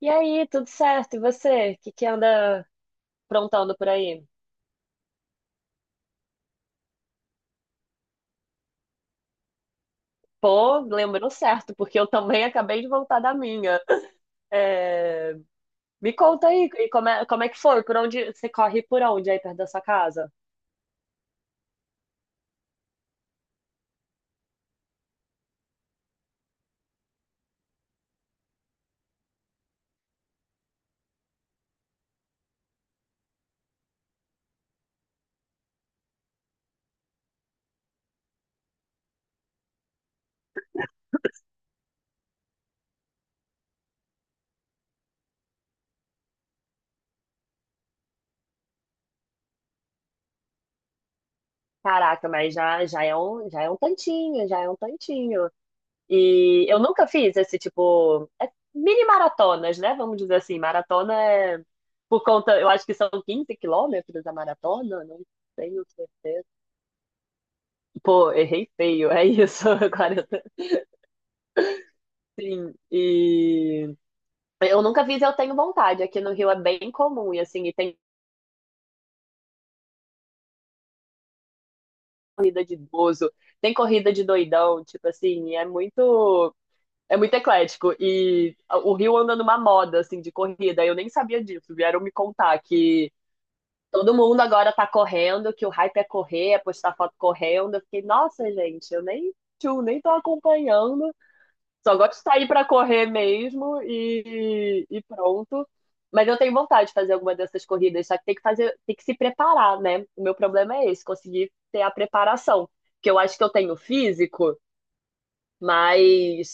E aí, tudo certo? E você? O que que anda aprontando por aí? Pô, lembrou certo, porque eu também acabei de voltar da minha. É, me conta aí, e como é que foi? Por onde você corre por onde aí perto da sua casa? Caraca, mas já é um, já é um tantinho, já é um tantinho. E eu nunca fiz esse tipo, é mini maratonas, né? Vamos dizer assim, maratona é por conta, eu acho que são 15 km a maratona, não tenho certeza. Pô, errei feio, é isso. Agora, eu tô- sim. E eu nunca fiz, eu tenho vontade. Aqui no Rio é bem comum, e assim, e tem corrida de idoso, tem corrida de doidão, tipo assim, e é muito eclético. E o Rio anda numa moda, assim, de corrida. Eu nem sabia disso, vieram me contar que todo mundo agora tá correndo, que o hype é correr, é postar foto correndo. Eu fiquei, nossa, gente, eu nem, nem tô acompanhando. Só gosto de sair pra correr mesmo e pronto. Mas eu tenho vontade de fazer alguma dessas corridas, só que tem que fazer, tem que se preparar, né? O meu problema é esse, conseguir ter a preparação. Porque eu acho que eu tenho físico, mas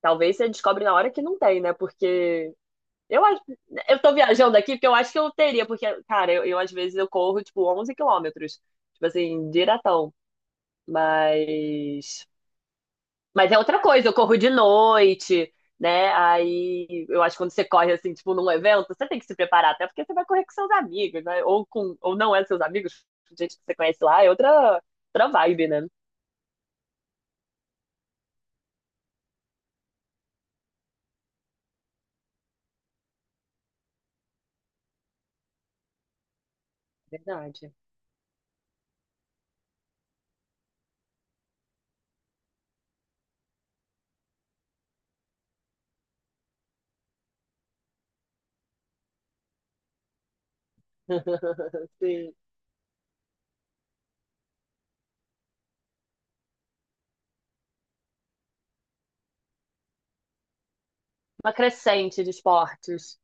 talvez você descobre na hora que não tem, né? Porque eu acho, eu tô viajando aqui porque eu acho que eu teria, porque, cara, eu às vezes eu corro tipo 11 km, tipo assim, diretão. Mas Mas é outra coisa, eu corro de noite, né? Aí eu acho que quando você corre assim, tipo, num evento, você tem que se preparar, até porque você vai correr com seus amigos, né? Ou com, ou não é seus amigos, gente que você conhece lá, é outra, outra vibe, né? Verdade. Sim. Uma crescente de esportes.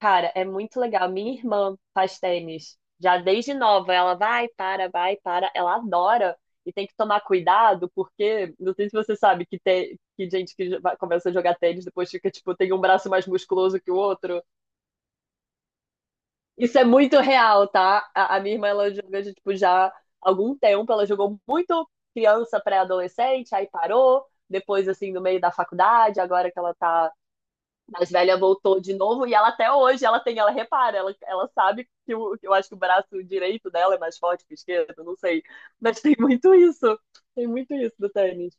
Cara, é muito legal. Minha irmã faz tênis já desde nova. Ela vai, para, vai, para. Ela adora e tem que tomar cuidado, porque não sei se você sabe que tem que gente que começa a jogar tênis depois fica, tipo, tem um braço mais musculoso que o outro. Isso é muito real, tá? A minha irmã, ela joga, já, tipo, já há algum tempo. Ela jogou muito criança, pré-adolescente, aí parou. Depois, assim, no meio da faculdade, agora que ela tá mais velha voltou de novo e ela até hoje ela tem, ela repara, ela sabe que o, eu acho que o braço direito dela é mais forte que o esquerdo, não sei. Mas tem muito isso. Tem muito isso do tênis.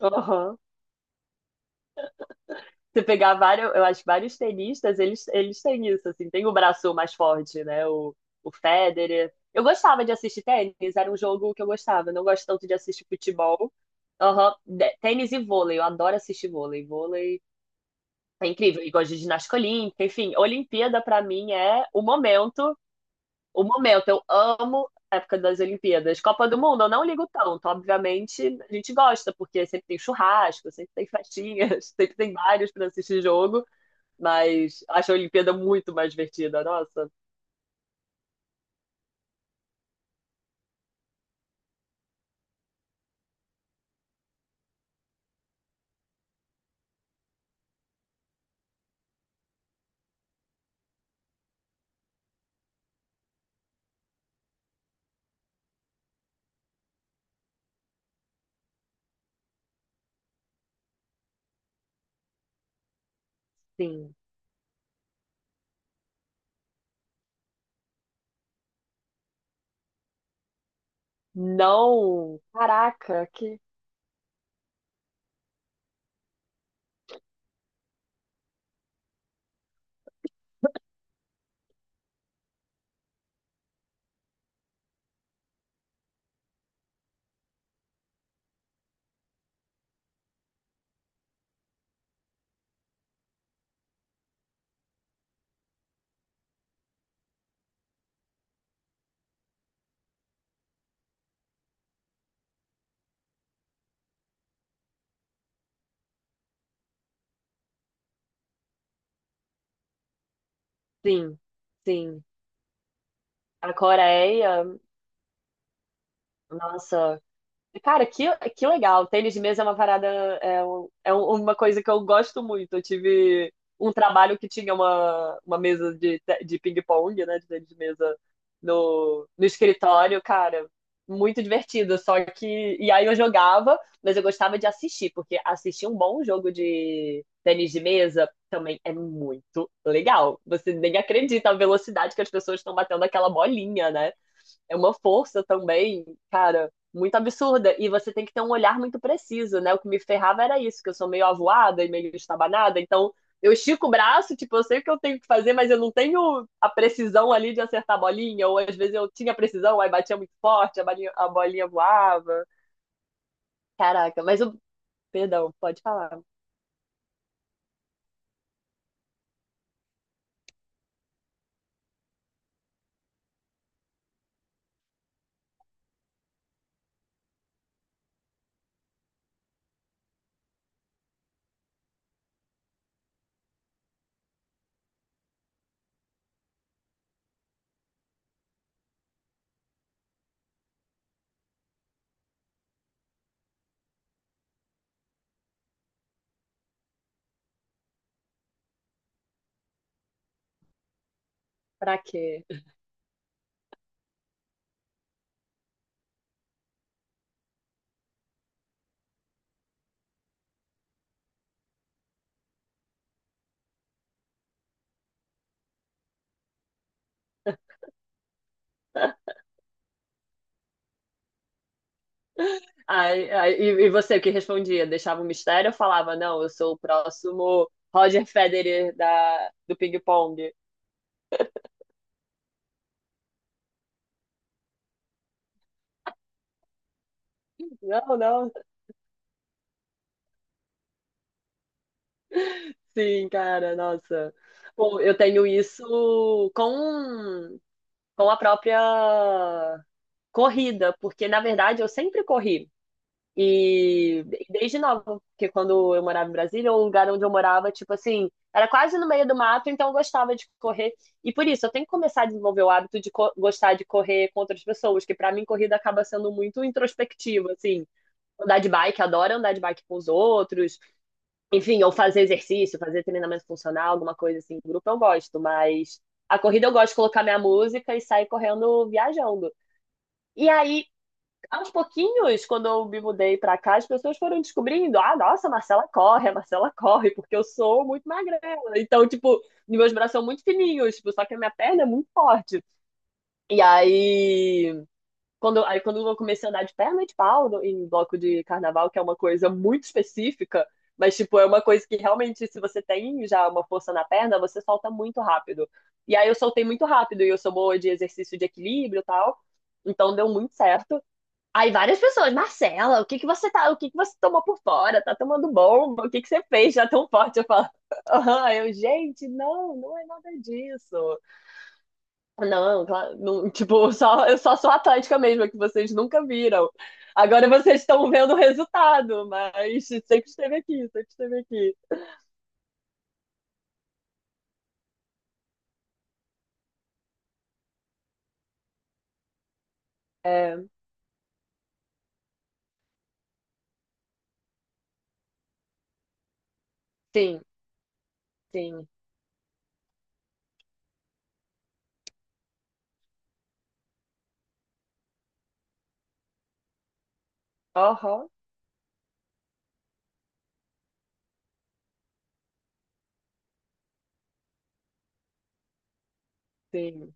Aham. Você pegar vários, eu acho que vários tenistas, eles têm isso, assim, tem o braço mais forte, né? O Federer. Eu gostava de assistir tênis, era um jogo que eu gostava. Eu não gosto tanto de assistir futebol. Aham. De- Tênis e vôlei, eu adoro assistir vôlei. Vôlei é incrível. E gosto de ginástica olímpica. Enfim, Olimpíada pra mim é o momento. O momento. Eu amo a época das Olimpíadas. Copa do Mundo, eu não ligo tanto. Obviamente, a gente gosta, porque sempre tem churrasco, sempre tem festinhas, sempre tem vários pra assistir jogo. Mas acho a Olimpíada muito mais divertida. Nossa, sim. Não. Caraca, que. Sim, sim. A Coreia, nossa, cara, que legal. Tênis de mesa é uma parada, uma coisa que eu gosto muito. Eu tive um trabalho que tinha uma mesa de ping-pong, né, de tênis de mesa no escritório, cara, muito divertido. Só que, e aí eu jogava, mas eu gostava de assistir, porque assistir um bom jogo de tênis de mesa também é muito legal. Você nem acredita a velocidade que as pessoas estão batendo aquela bolinha, né? É uma força também, cara, muito absurda. E você tem que ter um olhar muito preciso, né? O que me ferrava era isso, que eu sou meio avoada e meio estabanada, então eu estico o braço, tipo, eu sei o que eu tenho que fazer, mas eu não tenho a precisão ali de acertar a bolinha, ou às vezes eu tinha precisão, aí batia muito forte, a bolinha voava. Caraca, mas eu. Perdão, pode falar. Pra quê? Ah, e você, o que respondia? Deixava um mistério ou falava, não, eu sou o próximo Roger Federer da, do ping-pong? Não, não, sim, cara, nossa. Pô, eu tenho isso com a própria corrida, porque na verdade eu sempre corri. E desde nova, porque quando eu morava em Brasília, o lugar onde eu morava, tipo assim, era quase no meio do mato, então eu gostava de correr. E por isso, eu tenho que começar a desenvolver o hábito de gostar de correr com outras pessoas, que pra mim corrida acaba sendo muito introspectiva, assim. Andar de bike, adoro andar de bike com os outros, enfim, ou fazer exercício, fazer treinamento funcional, alguma coisa assim, grupo eu gosto, mas a corrida eu gosto de colocar minha música e sair correndo viajando. E aí, aos pouquinhos, quando eu me mudei pra cá, as pessoas foram descobrindo: ah, nossa, a Marcela corre, porque eu sou muito magrela. Então, tipo, meus braços são muito fininhos, tipo, só que a minha perna é muito forte. E aí quando eu comecei a andar de perna de pau no- em bloco de carnaval, que é uma coisa muito específica, mas tipo, é uma coisa que realmente, se você tem já uma força na perna, você solta muito rápido. E aí eu soltei muito rápido, e eu sou boa de exercício de equilíbrio e tal. Então deu muito certo. Aí várias pessoas, Marcela, o que que você tomou por fora? Tá tomando bomba? O que que você fez já tão forte? Eu falo, aham, eu, gente, não, não é nada disso. Não, claro, não, tipo, só, eu só sou atlética mesmo, é que vocês nunca viram. Agora vocês estão vendo o resultado, mas sempre esteve aqui, sempre esteve aqui. É, sim, sim. Aham, sim,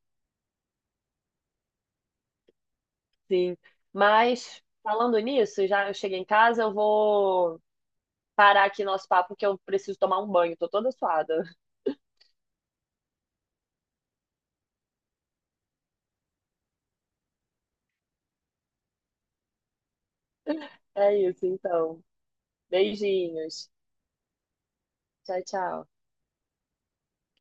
sim. Mas, falando nisso, já eu cheguei em casa, eu vou parar aqui nosso papo, que eu preciso tomar um banho, tô toda suada. É isso, então. Beijinhos. Tchau, tchau.